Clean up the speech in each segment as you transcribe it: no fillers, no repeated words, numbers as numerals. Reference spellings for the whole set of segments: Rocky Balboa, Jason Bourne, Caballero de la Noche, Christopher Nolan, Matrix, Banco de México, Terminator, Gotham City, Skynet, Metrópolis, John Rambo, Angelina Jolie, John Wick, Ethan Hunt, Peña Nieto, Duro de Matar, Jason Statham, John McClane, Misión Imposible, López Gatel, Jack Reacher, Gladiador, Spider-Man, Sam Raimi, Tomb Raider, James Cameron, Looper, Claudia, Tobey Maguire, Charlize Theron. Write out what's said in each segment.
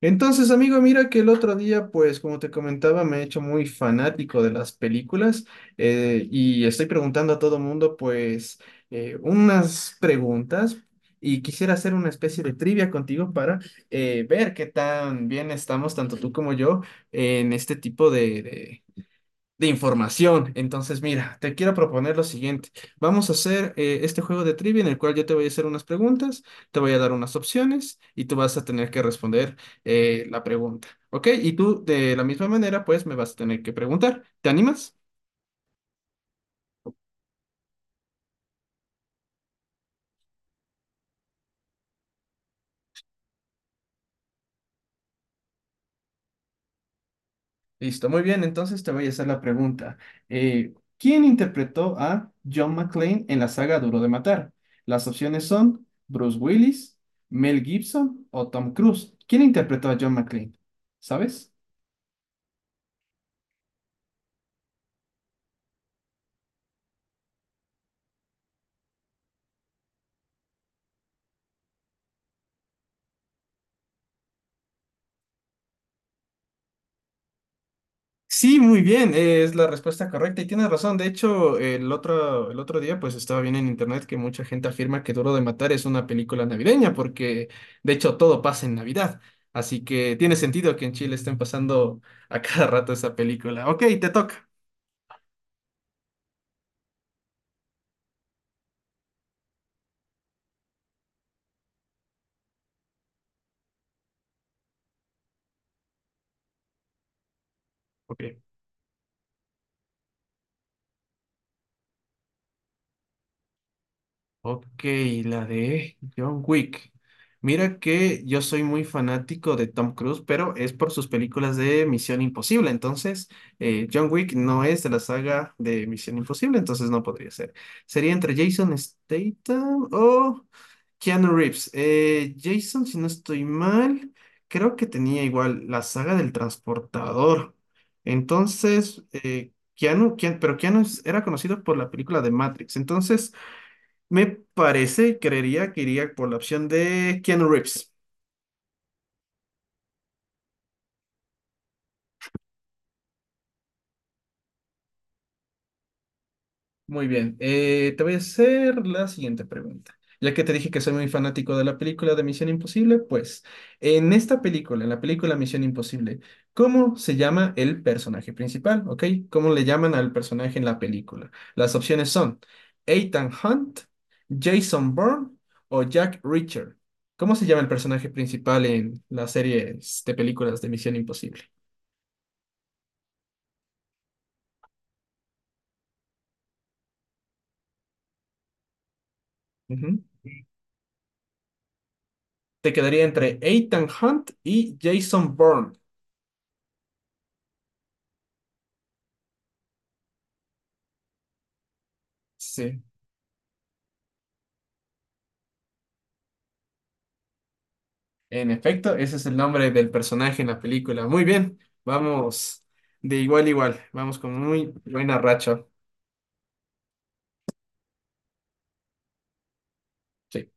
Entonces, amigo, mira que el otro día, pues como te comentaba, me he hecho muy fanático de las películas. Y estoy preguntando a todo mundo, pues, unas preguntas y quisiera hacer una especie de trivia contigo para ver qué tan bien estamos, tanto tú como yo, en este tipo de información. Entonces, mira, te quiero proponer lo siguiente. Vamos a hacer este juego de trivia en el cual yo te voy a hacer unas preguntas, te voy a dar unas opciones y tú vas a tener que responder la pregunta. ¿Ok? Y tú de la misma manera, pues me vas a tener que preguntar. ¿Te animas? Listo, muy bien. Entonces te voy a hacer la pregunta. ¿Quién interpretó a John McClane en la saga Duro de Matar? Las opciones son Bruce Willis, Mel Gibson o Tom Cruise. ¿Quién interpretó a John McClane? ¿Sabes? Sí, muy bien, es la respuesta correcta y tienes razón. De hecho, el otro día pues estaba viendo en internet que mucha gente afirma que Duro de Matar es una película navideña porque de hecho todo pasa en Navidad. Así que tiene sentido que en Chile estén pasando a cada rato esa película. Ok, te toca. Ok. Ok, la de John Wick. Mira que yo soy muy fanático de Tom Cruise, pero es por sus películas de Misión Imposible. Entonces, John Wick no es de la saga de Misión Imposible, entonces no podría ser. Sería entre Jason Statham o Keanu Reeves. Jason, si no estoy mal, creo que tenía igual la saga del transportador. Entonces, pero Keanu era conocido por la película de Matrix. Entonces, me parece, creería que iría por la opción de Keanu Reeves. Muy bien, te voy a hacer la siguiente pregunta. Ya que te dije que soy muy fanático de la película de Misión Imposible, pues en esta película, en la película Misión Imposible, ¿cómo se llama el personaje principal? ¿Ok? ¿Cómo le llaman al personaje en la película? Las opciones son Ethan Hunt, Jason Bourne o Jack Reacher. ¿Cómo se llama el personaje principal en las series de películas de Misión Imposible? Ujú. Te quedaría entre Ethan Hunt y Jason Bourne. Sí. En efecto, ese es el nombre del personaje en la película. Muy bien, vamos de igual a igual, vamos con muy buena racha. Sí.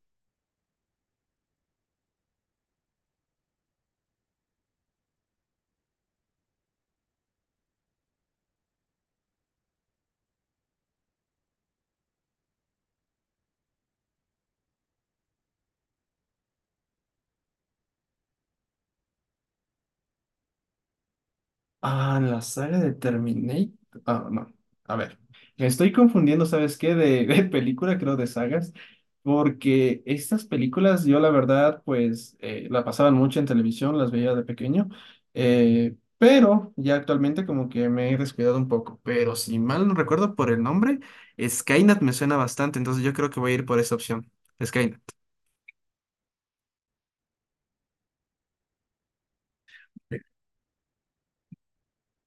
Ah, la saga de Terminator. Ah, no. A ver. Me estoy confundiendo, ¿sabes qué? De película, creo, de sagas. Porque estas películas, yo la verdad, pues la pasaban mucho en televisión, las veía de pequeño. Pero ya actualmente, como que me he descuidado un poco. Pero si mal no recuerdo por el nombre, Skynet me suena bastante. Entonces yo creo que voy a ir por esa opción. Skynet.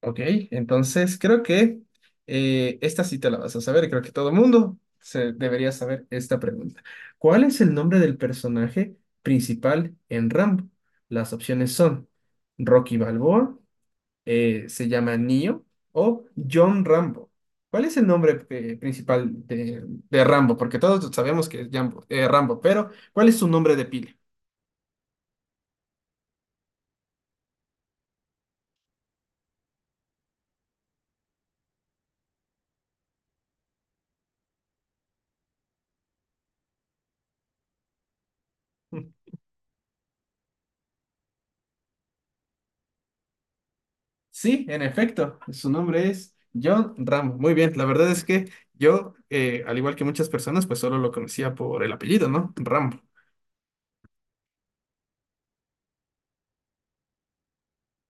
Ok, entonces creo que esta sí te la vas a saber, creo que todo mundo se debería saber esta pregunta. ¿Cuál es el nombre del personaje principal en Rambo? Las opciones son Rocky Balboa, se llama Neo o John Rambo. ¿Cuál es el nombre principal de Rambo? Porque todos sabemos que es Rambo, pero ¿cuál es su nombre de pila? Sí, en efecto, su nombre es John Ramos. Muy bien, la verdad es que yo, al igual que muchas personas, pues solo lo conocía por el apellido, ¿no? Ramo.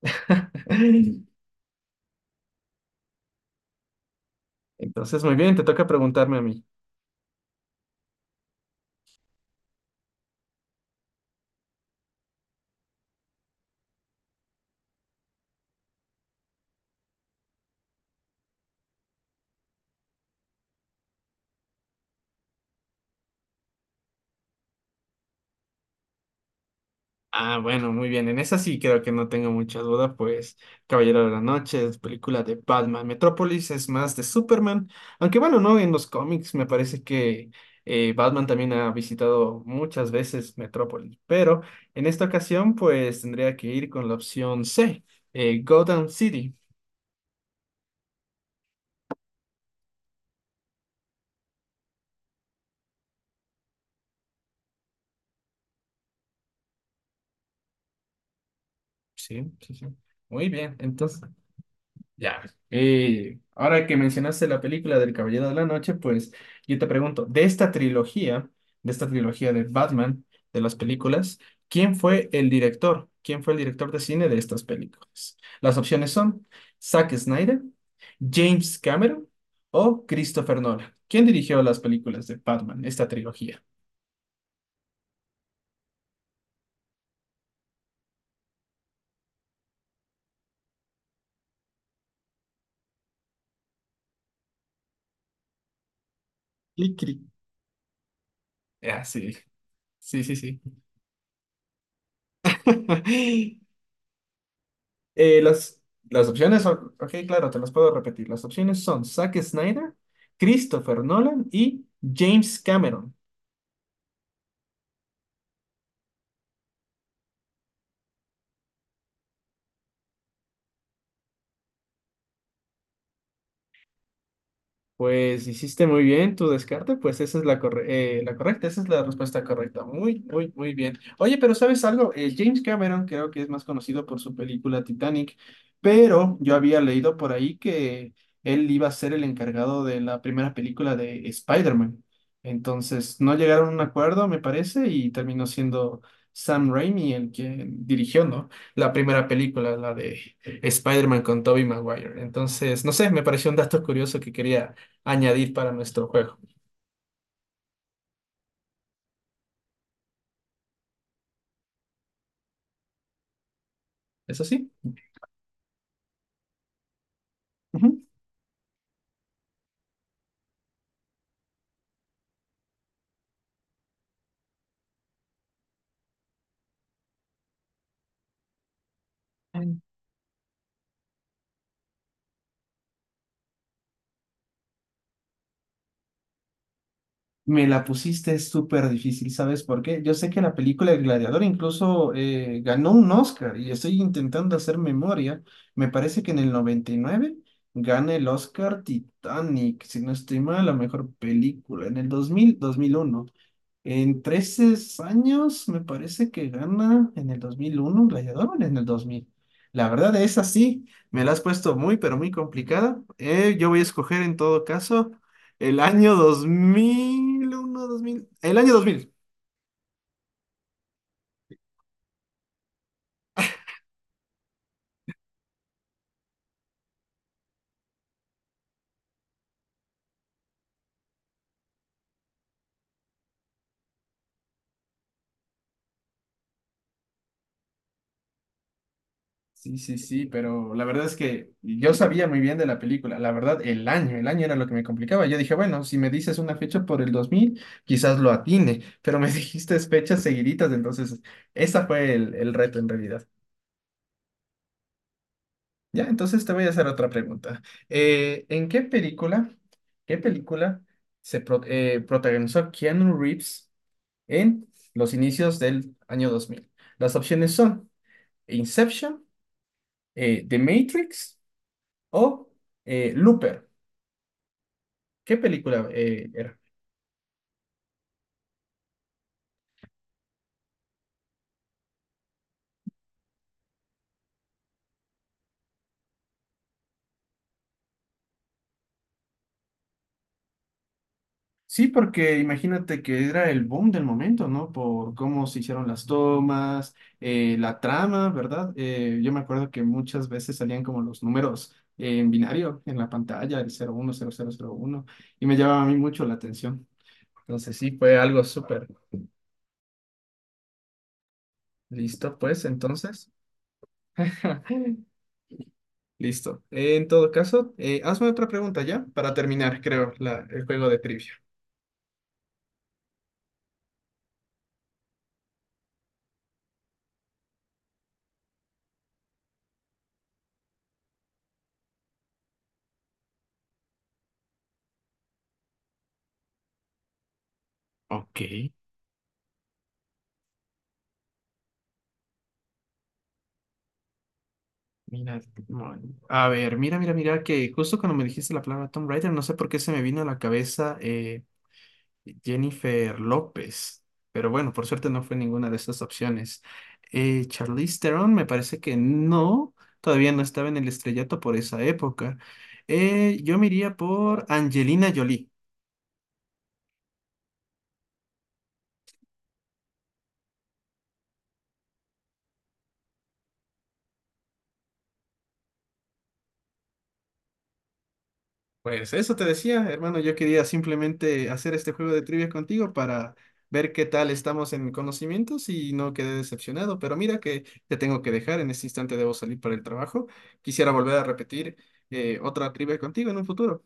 Entonces, muy bien, te toca preguntarme a mí. Ah, bueno, muy bien. En esa sí creo que no tengo mucha duda, pues Caballero de la Noche es película de Batman. Metrópolis es más de Superman. Aunque bueno, no, en los cómics me parece que Batman también ha visitado muchas veces Metrópolis. Pero en esta ocasión, pues tendría que ir con la opción C, Gotham City. Sí, sí, sí. Muy bien. Entonces, ya. Y ahora que mencionaste la película del Caballero de la Noche, pues yo te pregunto, de esta trilogía de Batman, de las películas, ¿quién fue el director? ¿Quién fue el director de cine de estas películas? Las opciones son Zack Snyder, James Cameron o Christopher Nolan. ¿Quién dirigió las películas de Batman, esta trilogía? Cri, cri. Ah, sí, sí. Eh, las, las opciones son, ok, claro, te las puedo repetir. Las opciones son Zack Snyder, Christopher Nolan y James Cameron. Pues hiciste muy bien tu descarte, pues esa es la correcta, esa es la respuesta correcta. Muy bien. Oye, pero ¿sabes algo? James Cameron creo que es más conocido por su película Titanic, pero yo había leído por ahí que él iba a ser el encargado de la primera película de Spider-Man. Entonces, no llegaron a un acuerdo, me parece, y terminó siendo Sam Raimi el que dirigió, ¿no? La primera película, la de Spider-Man con Tobey Maguire. Entonces, no sé, me pareció un dato curioso que quería añadir para nuestro juego. ¿Es así? Ujú. Me la pusiste súper difícil, ¿sabes por qué? Yo sé que la película El Gladiador incluso ganó un Oscar y estoy intentando hacer memoria. Me parece que en el 99 gana el Oscar Titanic, si no estoy mal, la mejor película. En el dos dos mil uno. En 13 años, me parece que gana en el 2001 un gladiador o en el 2000. La verdad es así, me la has puesto muy, pero muy complicada. Yo voy a escoger en todo caso el año dos mil uno dos mil el año 2000. Sí, sí, sí, pero la verdad es que yo sabía muy bien de la película. La verdad, el año era lo que me complicaba. Yo dije, bueno, si me dices una fecha por el 2000 quizás lo atine, pero me dijiste fechas seguiditas, entonces esa fue el reto en realidad. Ya, entonces te voy a hacer otra pregunta. Eh, ¿en qué película, Qué película protagonizó Keanu Reeves en los inicios del año 2000? Las opciones son Inception, The Matrix o Looper. ¿Qué película era? Sí, porque imagínate que era el boom del momento, ¿no? Por cómo se hicieron las tomas, la trama, ¿verdad? Yo me acuerdo que muchas veces salían como los números en binario en la pantalla, el 0 1 0 0 0 1, y me llamaba a mí mucho la atención. Entonces sí, fue algo súper. Listo, pues entonces. Listo. En todo caso, hazme otra pregunta ya para terminar, creo, el juego de trivia. Ok. Mira, a ver, mira, que justo cuando me dijiste la palabra Tomb Raider, no sé por qué se me vino a la cabeza Jennifer López, pero bueno, por suerte no fue ninguna de estas opciones. Charlize Theron me parece que no, todavía no estaba en el estrellato por esa época. Yo me iría por Angelina Jolie. Pues eso te decía, hermano, yo quería simplemente hacer este juego de trivia contigo para ver qué tal estamos en conocimientos y no quedé decepcionado, pero mira que te tengo que dejar, en este instante debo salir para el trabajo. Quisiera volver a repetir otra trivia contigo en un futuro.